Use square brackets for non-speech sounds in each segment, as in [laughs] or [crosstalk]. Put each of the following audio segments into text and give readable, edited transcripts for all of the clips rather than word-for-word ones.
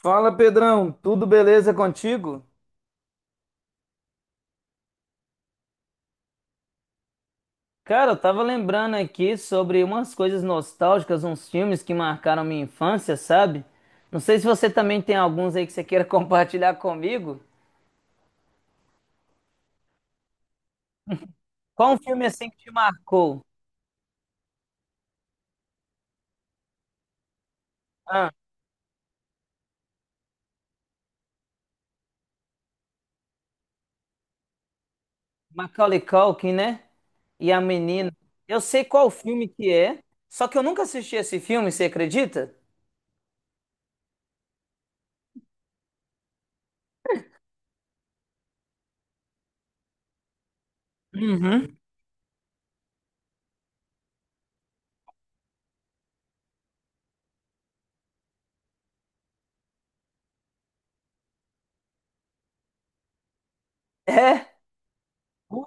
Fala, Pedrão, tudo beleza contigo? Cara, eu tava lembrando aqui sobre umas coisas nostálgicas, uns filmes que marcaram minha infância, sabe? Não sei se você também tem alguns aí que você queira [laughs] compartilhar comigo. Qual um filme assim que te marcou? Ah, Macaulay Culkin, né? E a menina. Eu sei qual filme que é, só que eu nunca assisti esse filme, você acredita? Uhum. É? Uh,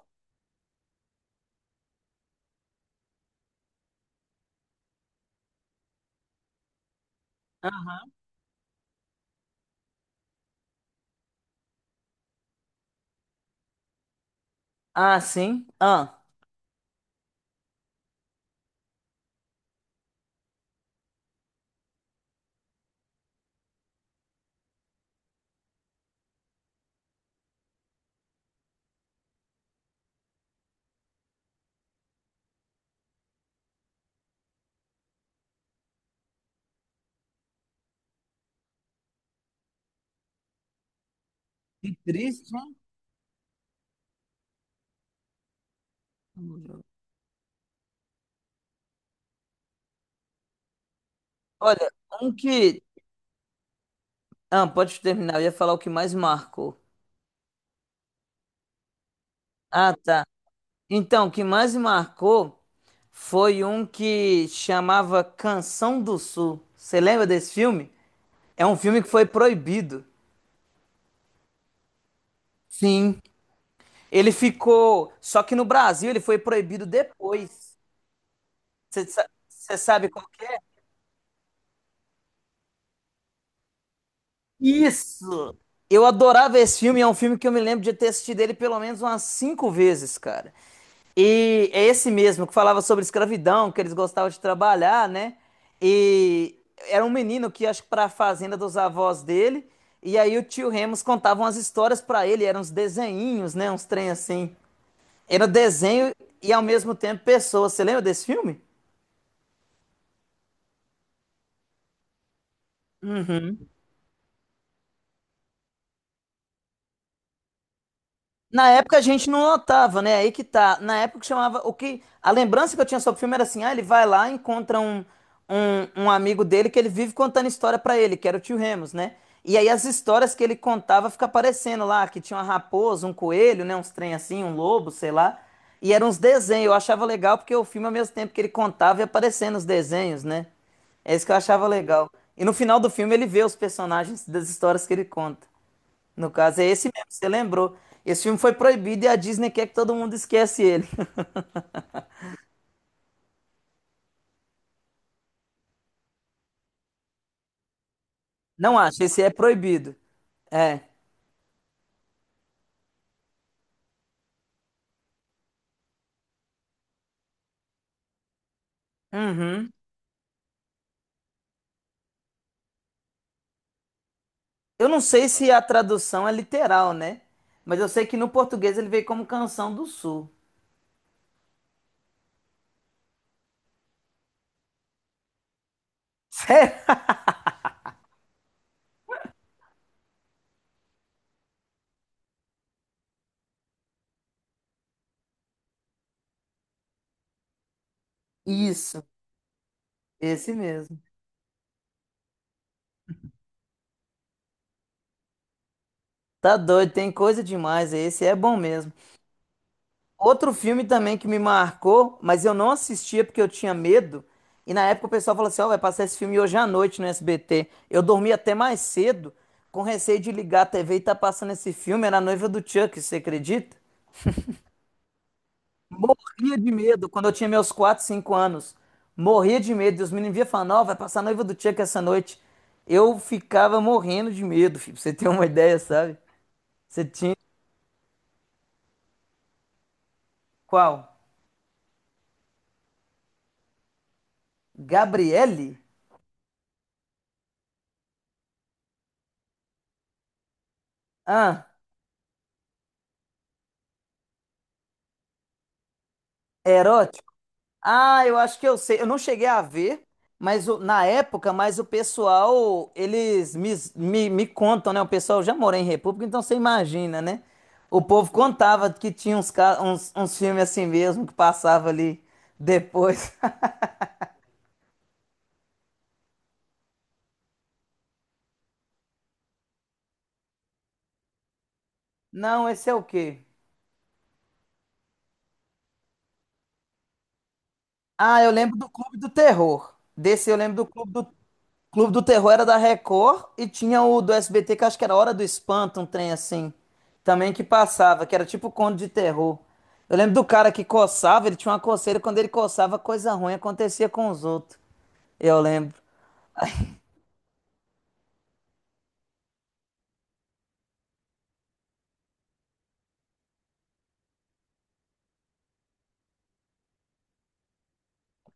aham. Ah, sim. Ah, olha, um que. Ah, pode terminar, eu ia falar o que mais marcou. Ah, tá. Então, o que mais me marcou foi um que chamava Canção do Sul. Você lembra desse filme? É um filme que foi proibido. Sim. Ele ficou. Só que no Brasil ele foi proibido depois. Você sabe qual que é? Isso! Eu adorava esse filme, é um filme que eu me lembro de ter assistido ele pelo menos umas 5 vezes, cara. E é esse mesmo que falava sobre escravidão, que eles gostavam de trabalhar, né? E era um menino que acho que para a fazenda dos avós dele, e aí o tio Remus contava umas histórias para ele, eram uns desenhinhos, né? Uns trem assim. Era desenho e ao mesmo tempo pessoa. Você lembra desse filme? Na época a gente não notava, né? Aí que tá. Na época chamava o que a lembrança que eu tinha sobre o filme era assim, ah, ele vai lá, encontra um, um amigo dele que ele vive contando história pra ele, que era o tio Remus, né? E aí as histórias que ele contava fica aparecendo lá, que tinha uma raposa, um coelho, né, uns trem assim, um lobo, sei lá. E eram uns desenhos, eu achava legal porque o filme ao mesmo tempo que ele contava ia aparecendo os desenhos, né? É isso que eu achava legal. E no final do filme ele vê os personagens das histórias que ele conta. No caso, é esse mesmo, você lembrou. Esse filme foi proibido e a Disney quer que todo mundo esquece ele. [laughs] Não acho, esse é proibido. É. Uhum. Eu não sei se a tradução é literal, né? Mas eu sei que no português ele veio como Canção do Sul. [laughs] Sério? Isso, esse mesmo. Tá doido, tem coisa demais. Esse é bom mesmo. Outro filme também que me marcou, mas eu não assistia porque eu tinha medo. E na época o pessoal falou assim: Ó, vai passar esse filme hoje à noite no SBT. Eu dormi até mais cedo, com receio de ligar a TV e tá passando esse filme. Era a noiva do Chuck, você acredita? Morria de medo quando eu tinha meus 4, 5 anos. Morria de medo. E os meninos vinham falando: Ó, vai passar a noiva do Chuck essa noite. Eu ficava morrendo de medo, filho, pra você ter uma [laughs] ideia, sabe? Você tinha. Qual? Gabriele? Ah, Ah, eu acho que eu sei. Eu não cheguei a ver, mas na época, mas o pessoal, eles me, contam, né? O pessoal já mora em República, então você imagina, né? O povo contava que tinha uns filmes assim mesmo que passava ali depois. [laughs] Não, esse é o quê? Ah, eu lembro do Clube do Terror. Desse eu lembro do Clube do Terror. Era da Record e tinha o do SBT, que acho que era Hora do Espanto, um trem assim. Também que passava, que era tipo conto de terror. Eu lembro do cara que coçava, ele tinha uma coceira, quando ele coçava, coisa ruim acontecia com os outros. Eu lembro.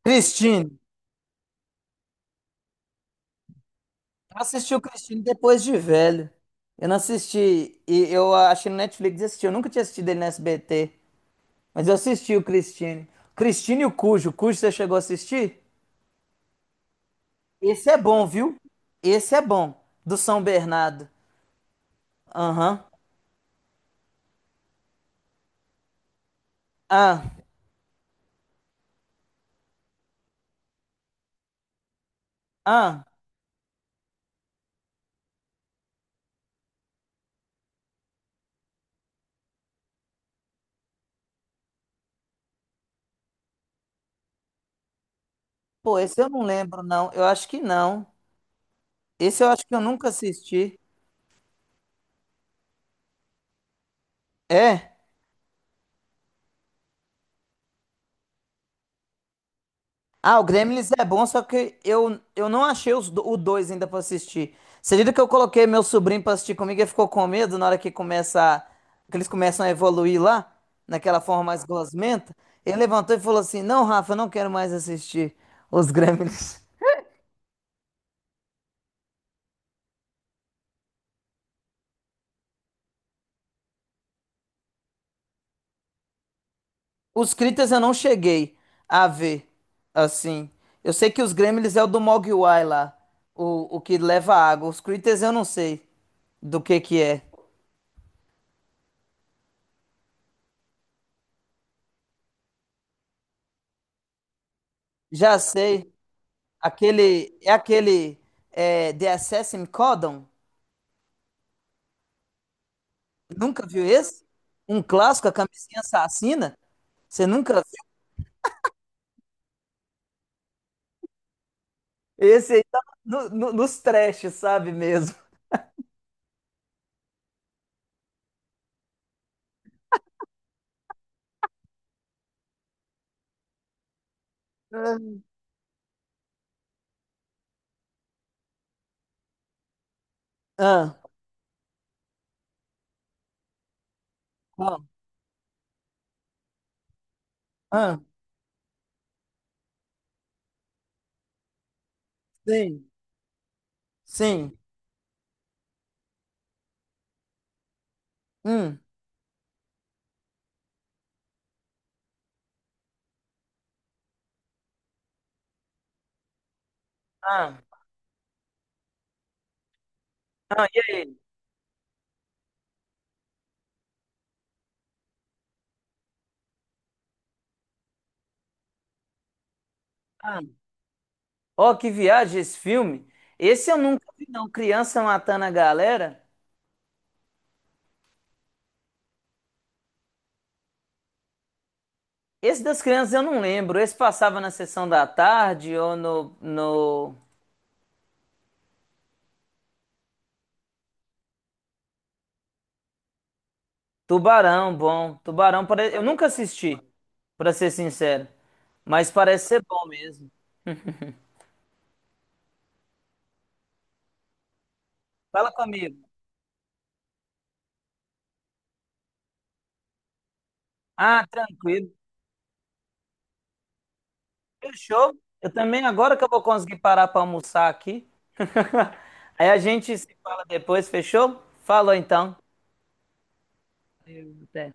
Cristine. Eu assisti o Cristine depois de velho. Eu não assisti, e eu achei no Netflix e assisti. Eu nunca tinha assistido ele no SBT, mas eu assisti o Cristine. Cristine e o Cujo. O Cujo você chegou a assistir? Esse é bom, viu? Esse é bom, do São Bernardo. Aham. Ah, ah. Pô, esse eu não lembro, não. Eu acho que não. Esse eu acho que eu nunca assisti. É? Ah, o Gremlins é bom, só que eu não achei os, o dois ainda pra assistir. Você acredita que eu coloquei meu sobrinho pra assistir comigo e ele ficou com medo na hora que começa, que eles começam a evoluir lá, naquela forma mais gosmenta? Ele levantou e falou assim: Não, Rafa, eu não quero mais assistir os Gremlins. Os Critas eu não cheguei a ver, assim. Eu sei que os Gremlins é o do Mogwai lá, o que leva água. Os Critas eu não sei do que é. Já sei, aquele, é aquele, The Assassin Codon. Nunca viu esse? Um clássico, a camisinha assassina? Você nunca viu? Esse aí tá nos trash, sabe mesmo? Hum. Ah, ah, ah, sim, sim. Hum, ah, ah, e aí? Ah. Ó, que viagem esse filme. Esse eu nunca vi, não. Criança matando a galera. Esse das crianças eu não lembro. Esse passava na sessão da tarde ou no Tubarão, bom. Tubarão, eu nunca assisti, pra ser sincero. Mas parece ser bom mesmo. Fala comigo. Ah, tranquilo. Fechou. Eu também, agora que eu vou conseguir parar pra almoçar aqui. [laughs] Aí a gente se fala depois, fechou? Falou então. Até.